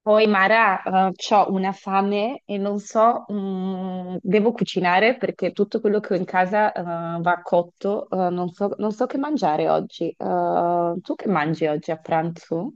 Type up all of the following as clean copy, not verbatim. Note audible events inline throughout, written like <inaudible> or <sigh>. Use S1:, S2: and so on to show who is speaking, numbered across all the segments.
S1: Poi Mara, ho una fame e non so, devo cucinare perché tutto quello che ho in casa, va cotto, non so, non so che mangiare oggi. Tu che mangi oggi a pranzo?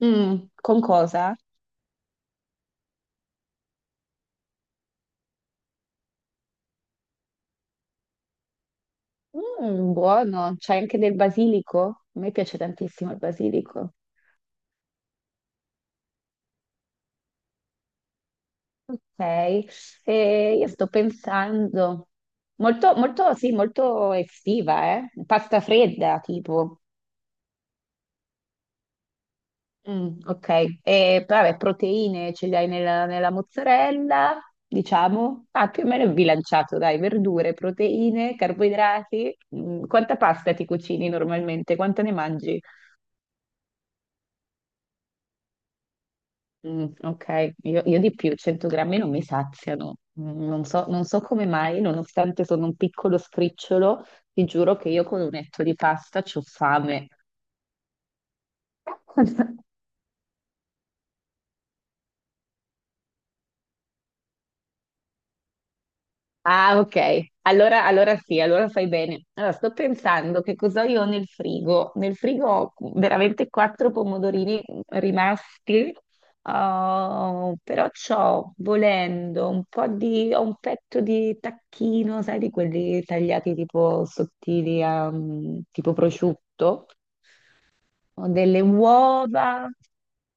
S1: Mm, con cosa? Mm, buono, c'è anche del basilico? A me piace tantissimo il basilico. Ok, e io sto pensando, molto, sì, molto estiva, eh? Pasta fredda, tipo. Mm, ok, e vabbè, proteine ce le hai nella mozzarella, diciamo, ah, più o meno bilanciato, dai, verdure, proteine, carboidrati. Mm, quanta pasta ti cucini normalmente? Quanto ne mangi? Mm, ok, io di più, 100 grammi non mi saziano. Mm, non so, non so come mai, nonostante sono un piccolo scricciolo, ti giuro che io con un etto di pasta ho fame. <laughs> Ah, ok. Allora sì, allora fai bene. Allora, sto pensando che cosa io ho nel frigo. Nel frigo ho veramente quattro pomodorini rimasti. Oh, però c'ho, volendo, un po' di, ho un petto di tacchino, sai, di quelli tagliati tipo sottili, a, tipo prosciutto. Ho delle uova,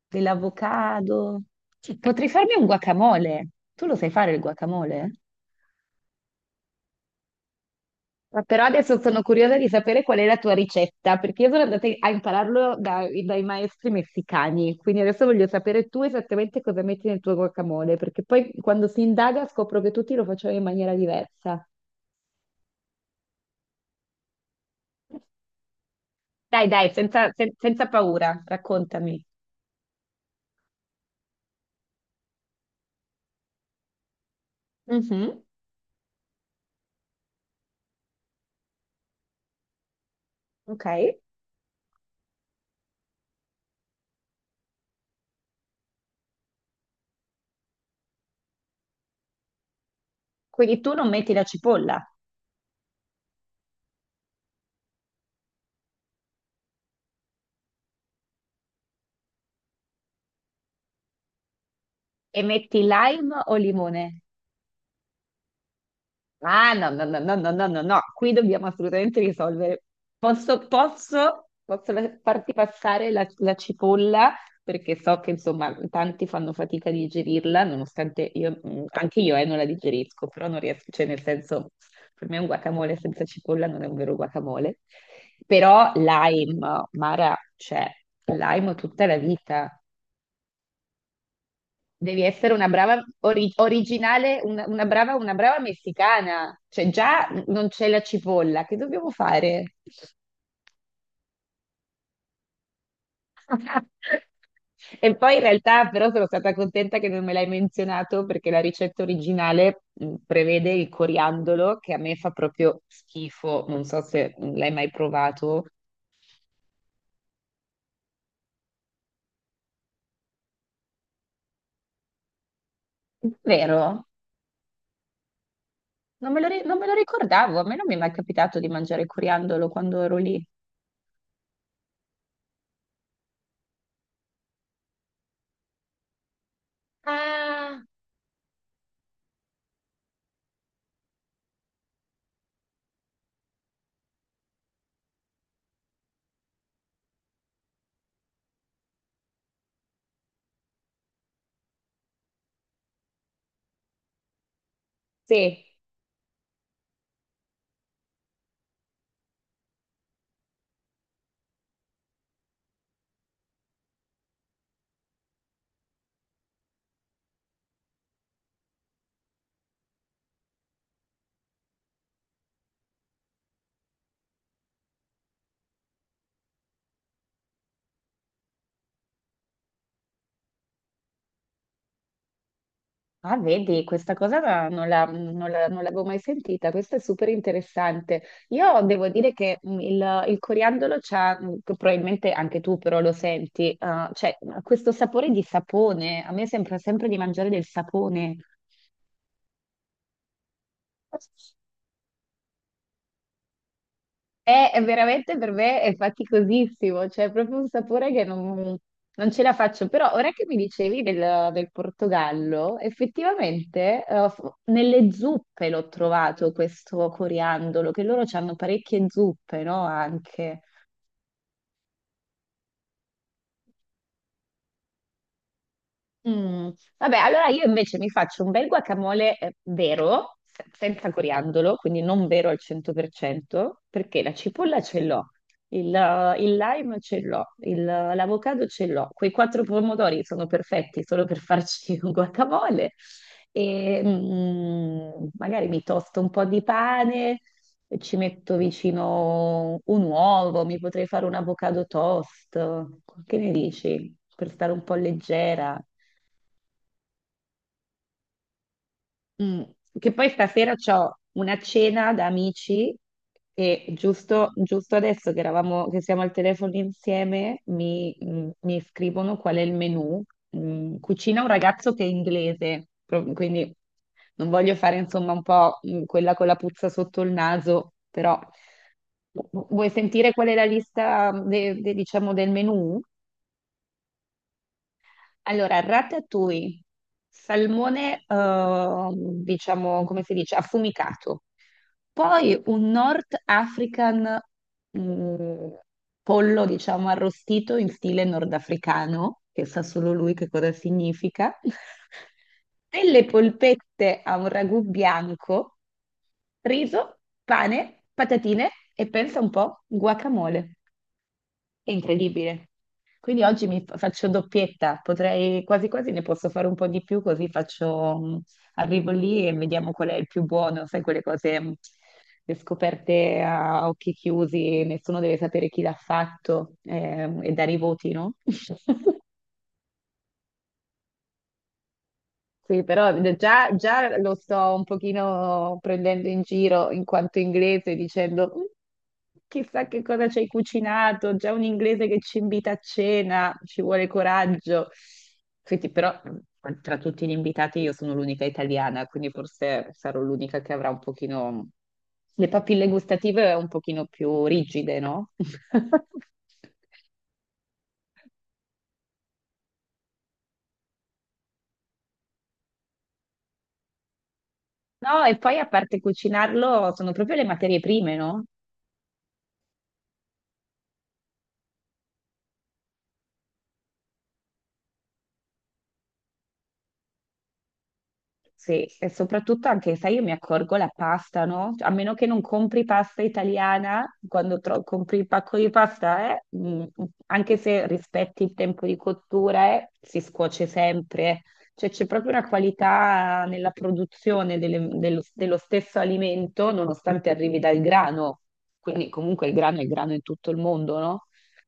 S1: dell'avocado. Cioè, potrei farmi un guacamole. Tu lo sai fare il guacamole? Però adesso sono curiosa di sapere qual è la tua ricetta, perché io sono andata a impararlo dai maestri messicani, quindi adesso voglio sapere tu esattamente cosa metti nel tuo guacamole, perché poi quando si indaga scopro che tutti lo facevano in maniera diversa. Dai, senza, senza paura, raccontami. Mhm. Ok, quindi tu non metti la cipolla e metti lime o limone? Ah, no, no, no, no, no, no, no, no, qui dobbiamo assolutamente risolvere. Posso farti passare la cipolla, perché so che insomma tanti fanno fatica a digerirla, nonostante io, anche io non la digerisco, però non riesco, cioè nel senso, per me un guacamole senza cipolla non è un vero guacamole. Però lime, Mara, cioè, lime tutta la vita. Devi essere una brava originale, una brava messicana. Cioè, già non c'è la cipolla, che dobbiamo fare? <laughs> E poi in realtà però sono stata contenta che non me l'hai menzionato perché la ricetta originale prevede il coriandolo che a me fa proprio schifo, non so se l'hai mai provato. Vero? Non me lo, non me lo ricordavo, a me non mi è mai capitato di mangiare coriandolo quando ero lì. Ah, sì. Ah, vedi, questa cosa non l'avevo mai sentita, questo è super interessante. Io devo dire che il coriandolo c'ha, che probabilmente anche tu però lo senti, ah, cioè questo sapore di sapone, a me sembra sempre di mangiare del sapone. È veramente per me è faticosissimo, cioè è proprio un sapore che non, non ce la faccio. Però ora che mi dicevi del Portogallo, effettivamente nelle zuppe l'ho trovato questo coriandolo, che loro hanno parecchie zuppe, no? Anche. Mm, vabbè, allora io invece mi faccio un bel guacamole vero, senza coriandolo, quindi non vero al 100%, perché la cipolla ce l'ho, il lime ce l'ho, l'avocado ce l'ho, quei quattro pomodori sono perfetti solo per farci <laughs> un guacamole e magari mi tosto un po' di pane, e ci metto vicino un uovo, mi potrei fare un avocado toast, che ne dici? Per stare un po' leggera. Mm. Che poi stasera ho una cena da amici e giusto adesso che che siamo al telefono insieme, mi scrivono qual è il menù. Mm. Cucina un ragazzo che è inglese, quindi non voglio fare insomma un po' quella con la puzza sotto il naso, però vuoi sentire qual è la lista diciamo del menù? Allora, ratatouille, salmone, diciamo, come si dice, affumicato. Poi un North African, mm, pollo, diciamo, arrostito in stile nordafricano, che sa solo lui che cosa significa. <laughs> Delle polpette a un ragù bianco, riso, pane, patatine e pensa un po', guacamole. È incredibile. Quindi oggi faccio doppietta, potrei quasi quasi ne posso fare un po' di più, così faccio, arrivo lì e vediamo qual è il più buono, sai, quelle cose, le scoperte a occhi chiusi, nessuno deve sapere chi l'ha fatto, e dare i voti, no? <laughs> Sì, però già lo sto un pochino prendendo in giro in quanto inglese dicendo "Mm, chissà che cosa ci hai cucinato, già un inglese che ci invita a cena, ci vuole coraggio. Senti, però tra tutti gli invitati io sono l'unica italiana, quindi forse sarò l'unica che avrà un pochino le papille gustative un pochino più rigide, no? <laughs> No, e poi a parte cucinarlo, sono proprio le materie prime, no? Sì, e soprattutto anche, sai, io mi accorgo la pasta, no? Cioè, a meno che non compri pasta italiana, quando compri il pacco di pasta, anche se rispetti il tempo di cottura, si scuoce sempre, eh. Cioè c'è proprio una qualità nella produzione dello stesso alimento, nonostante arrivi dal grano. Quindi comunque il grano è grano in tutto il mondo, no?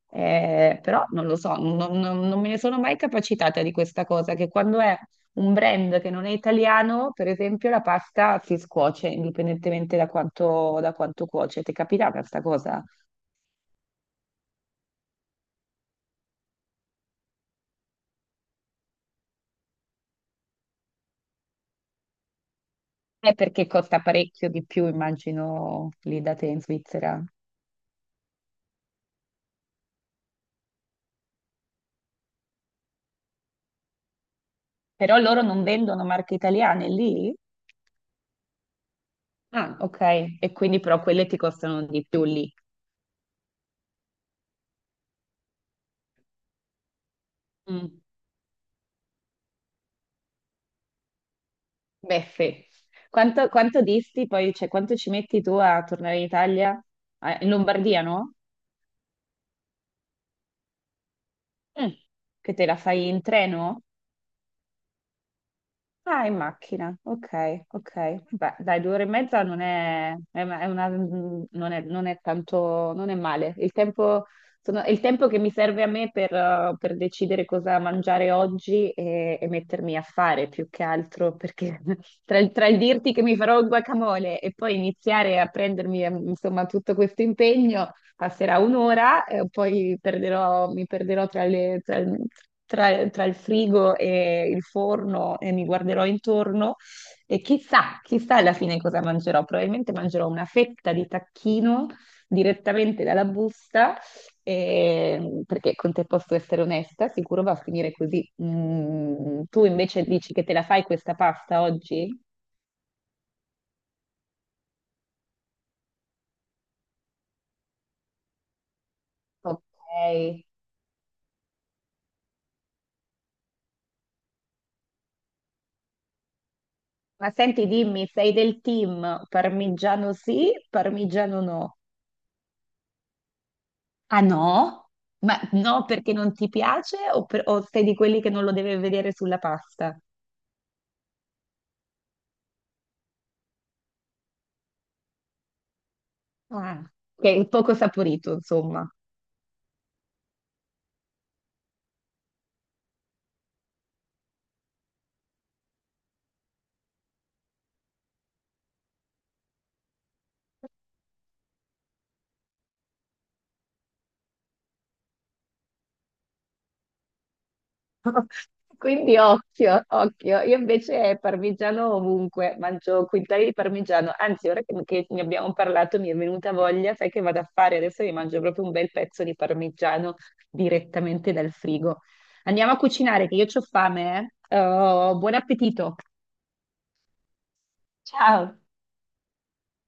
S1: Però non lo so, non me ne sono mai capacitata di questa cosa, che quando è un brand che non è italiano, per esempio, la pasta si scuoce indipendentemente da quanto cuoce. Ti è capitata questa cosa? È perché costa parecchio di più, immagino, lì da te in Svizzera. Però loro non vendono marche italiane lì? Ah, ok. E quindi però quelle ti costano di più lì. Mm. Beffe. Quanto disti poi, cioè quanto ci metti tu a tornare in Italia? Ah, in Lombardia, no? Mm. Che te la fai in treno? Ah, in macchina, ok, ok. Beh, dai, 2 ore e mezza non è, non è tanto, non è male. Il tempo, è il tempo che mi serve a me per decidere cosa mangiare oggi e mettermi a fare più che altro, perché <laughs> tra il dirti che mi farò il guacamole e poi iniziare a prendermi, insomma, tutto questo impegno, passerà 1 ora e poi mi perderò tra le- tra il tra- tra il frigo e il forno e mi guarderò intorno e chissà alla fine cosa mangerò. Probabilmente mangerò una fetta di tacchino direttamente dalla busta, perché con te posso essere onesta, sicuro va a finire così. Mm, tu invece dici che te la fai questa pasta oggi? Ok. Ma senti, dimmi, sei del team parmigiano sì, parmigiano no? Ah no? Ma no perché non ti piace o, o sei di quelli che non lo deve vedere sulla pasta? Ah, che è poco saporito, insomma. Quindi occhio. Io invece parmigiano ovunque, mangio quintali di parmigiano. Anzi, ora che ne abbiamo parlato mi è venuta voglia, sai che vado a fare? Adesso mi mangio proprio un bel pezzo di parmigiano direttamente dal frigo. Andiamo a cucinare, che io ho fame, eh. Oh, buon appetito. Ciao.